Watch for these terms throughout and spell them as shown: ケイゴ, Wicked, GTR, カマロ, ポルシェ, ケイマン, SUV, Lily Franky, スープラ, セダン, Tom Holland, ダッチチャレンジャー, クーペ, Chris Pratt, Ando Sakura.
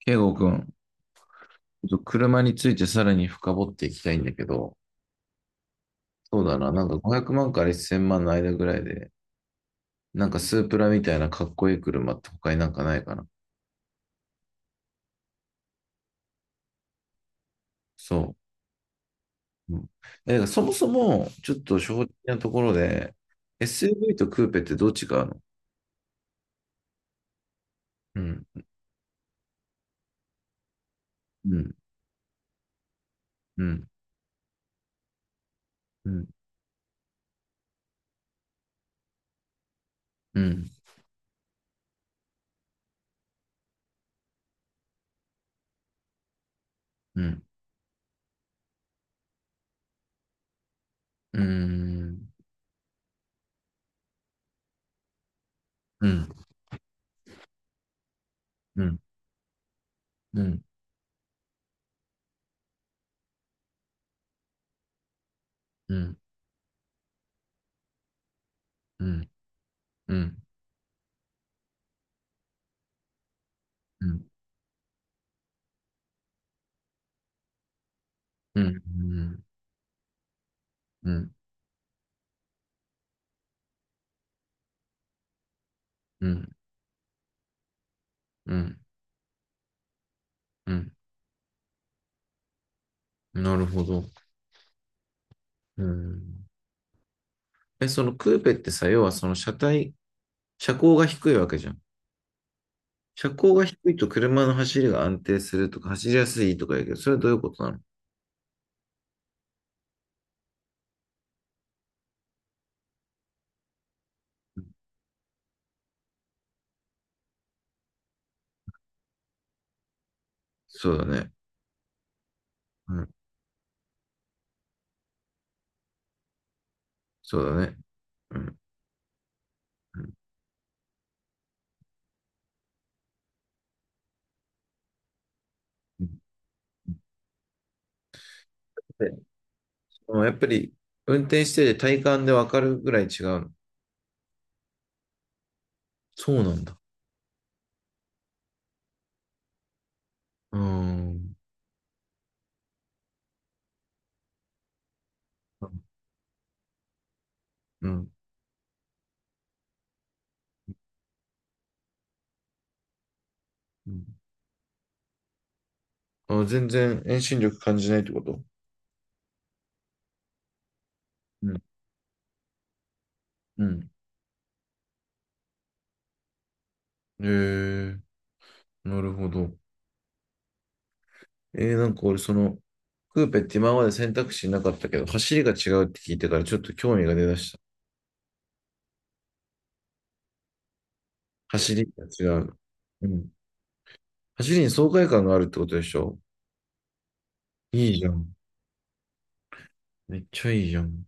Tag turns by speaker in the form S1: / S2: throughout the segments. S1: ケイゴくん、ちょっと車についてさらに深掘っていきたいんだけど、そうだな、なんか500万から1000万の間ぐらいで、なんかスープラみたいなかっこいい車って他になんかないかな。そう。うん。だからそもそも、ちょっと正直なところで、SUV とクーペってどっちがあるの？うん。うん。うん。うん。うん。うん。うん。うん。うん。うん。うん。うん。うん。うん。うん。うん。うん。うん。うん。うん。なるほど。うん。そのクーペってさ、要はその車体、車高が低いわけじゃん。車高が低いと車の走りが安定するとか、走りやすいとか言うけど、それはどういうことなの？そうだね。うん。そうだね。うん。うん。で、そのやっぱり運転してて体感でわかるぐらい違うの？そうなんだ。うーん。うん。うん。あ、全然遠心力感じないってこと？うん。うん。へえ、なるほど。なんか俺その、クーペって今まで選択肢なかったけど、走りが違うって聞いてからちょっと興味が出だした。走りが違う。うん。走りに爽快感があるってことでしょ？いいじゃん。めっちゃいいじゃん。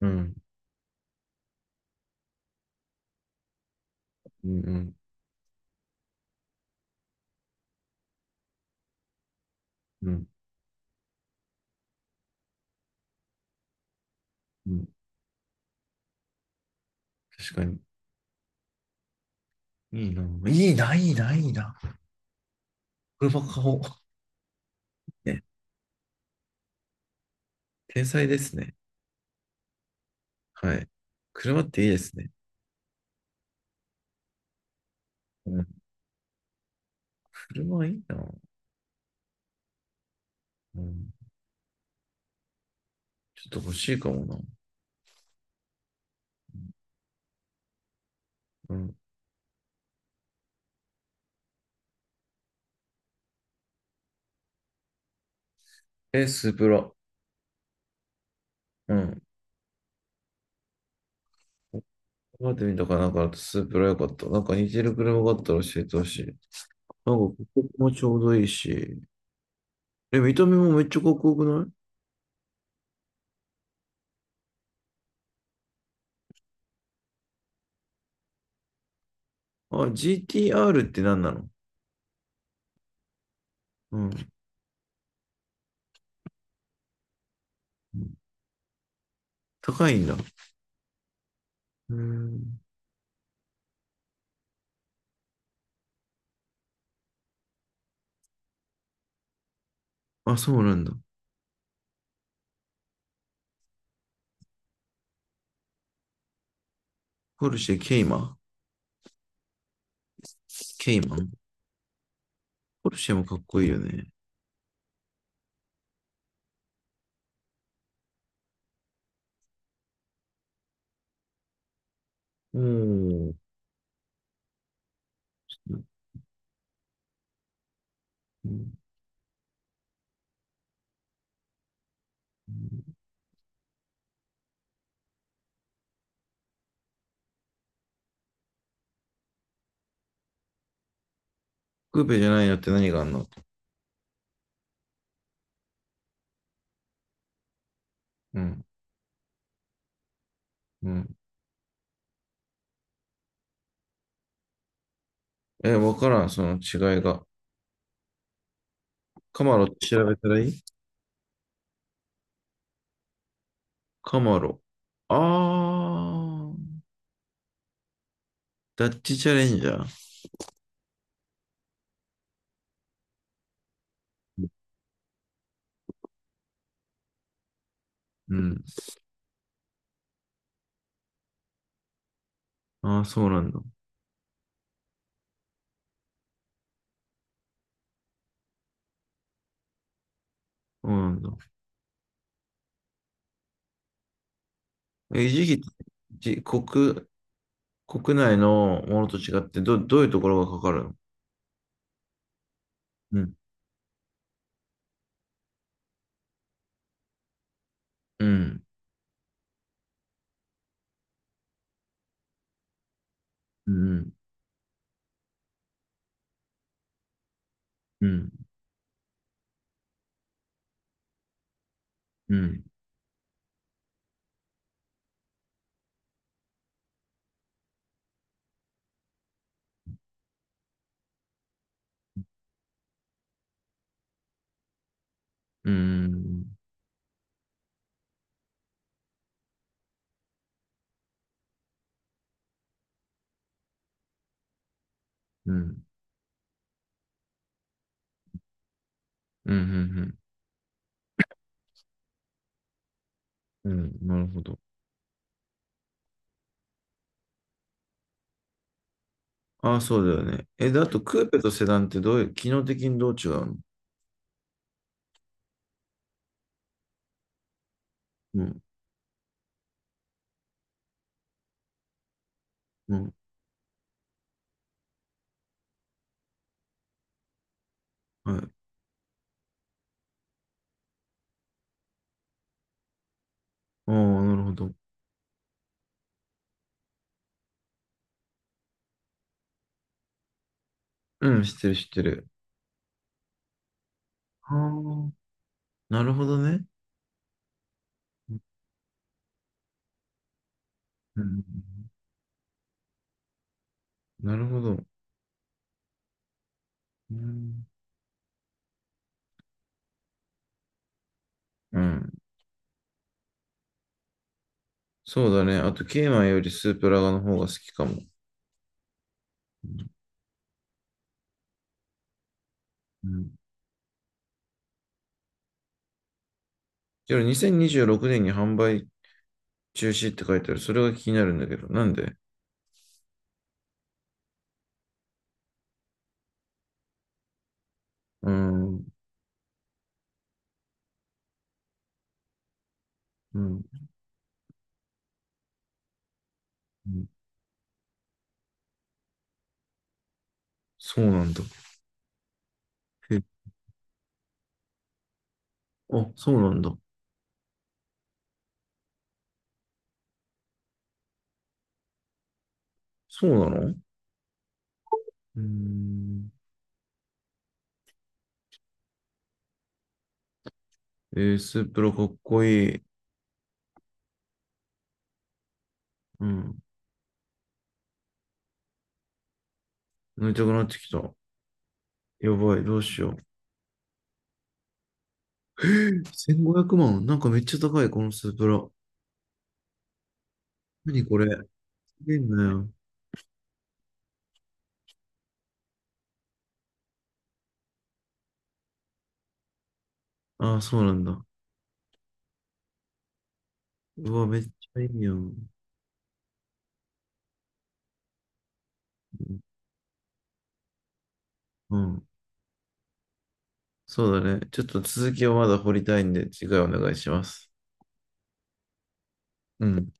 S1: うん。うん。うん。うん。うん。確かに。いいな。いいな、いいな、いいな。車買おう。ね。天才ですね。はい。車っていいですね。うん。車いいな。うん。ちょっと欲しいかもな。うん。え、スープラ。うん。待ってみたかなんかだとスープラ良かった。なんか似てる車があったら教えてほしい。なんかここもちょうどいいし。え、見た目もめっちゃかっこよくない？あ、GTR って何なの？うん。高いんだ。うん。あ、そうなんだ。ポルシェ、ケイマン。ポルシェもかっこいいよね。うん。クーペじゃないのって何があんの？うん。うん。え、わからん、その違いが。カマロって調べたらいい？カマロ。あー。ダッチチャレンジャー。うん。ああ、そうなんだ。そうなんだ。え、維持費ってじ、国、国内のものと違って、どういうところがかかるの？うん。うん。うん。うん。うん。うん。うん。うん。うん。うん。なるほど。ああ、そうだよね。であと、クーペとセダンってどういう、機能的にどう違うの？うん。うん。はい。ああ、なるほど。うん、知ってる、知ってる。ああ、なるほどね。うん。なるほど。うん。うん。そうだね。あと、ケイマンよりスープラガの方が好きかも。うん。けど、2026年にじゅうろくねんに販売中止って書いてある。それが気になるんだけど、なんで？うーん。うん。うん。そうなんだ。へ、あ、そうなんだ。そうなの？うーん。スープラかっこいい。うん。飲みたくなってきた。やばい、どうしよう。え1500万。なんかめっちゃ高い、このスープラ。何これ。すげえんだよ。ああ、そうなんだ。うわ、めっちゃいいやん。うん。そうだね。ちょっと続きをまだ掘りたいんで、次回お願いします。うん。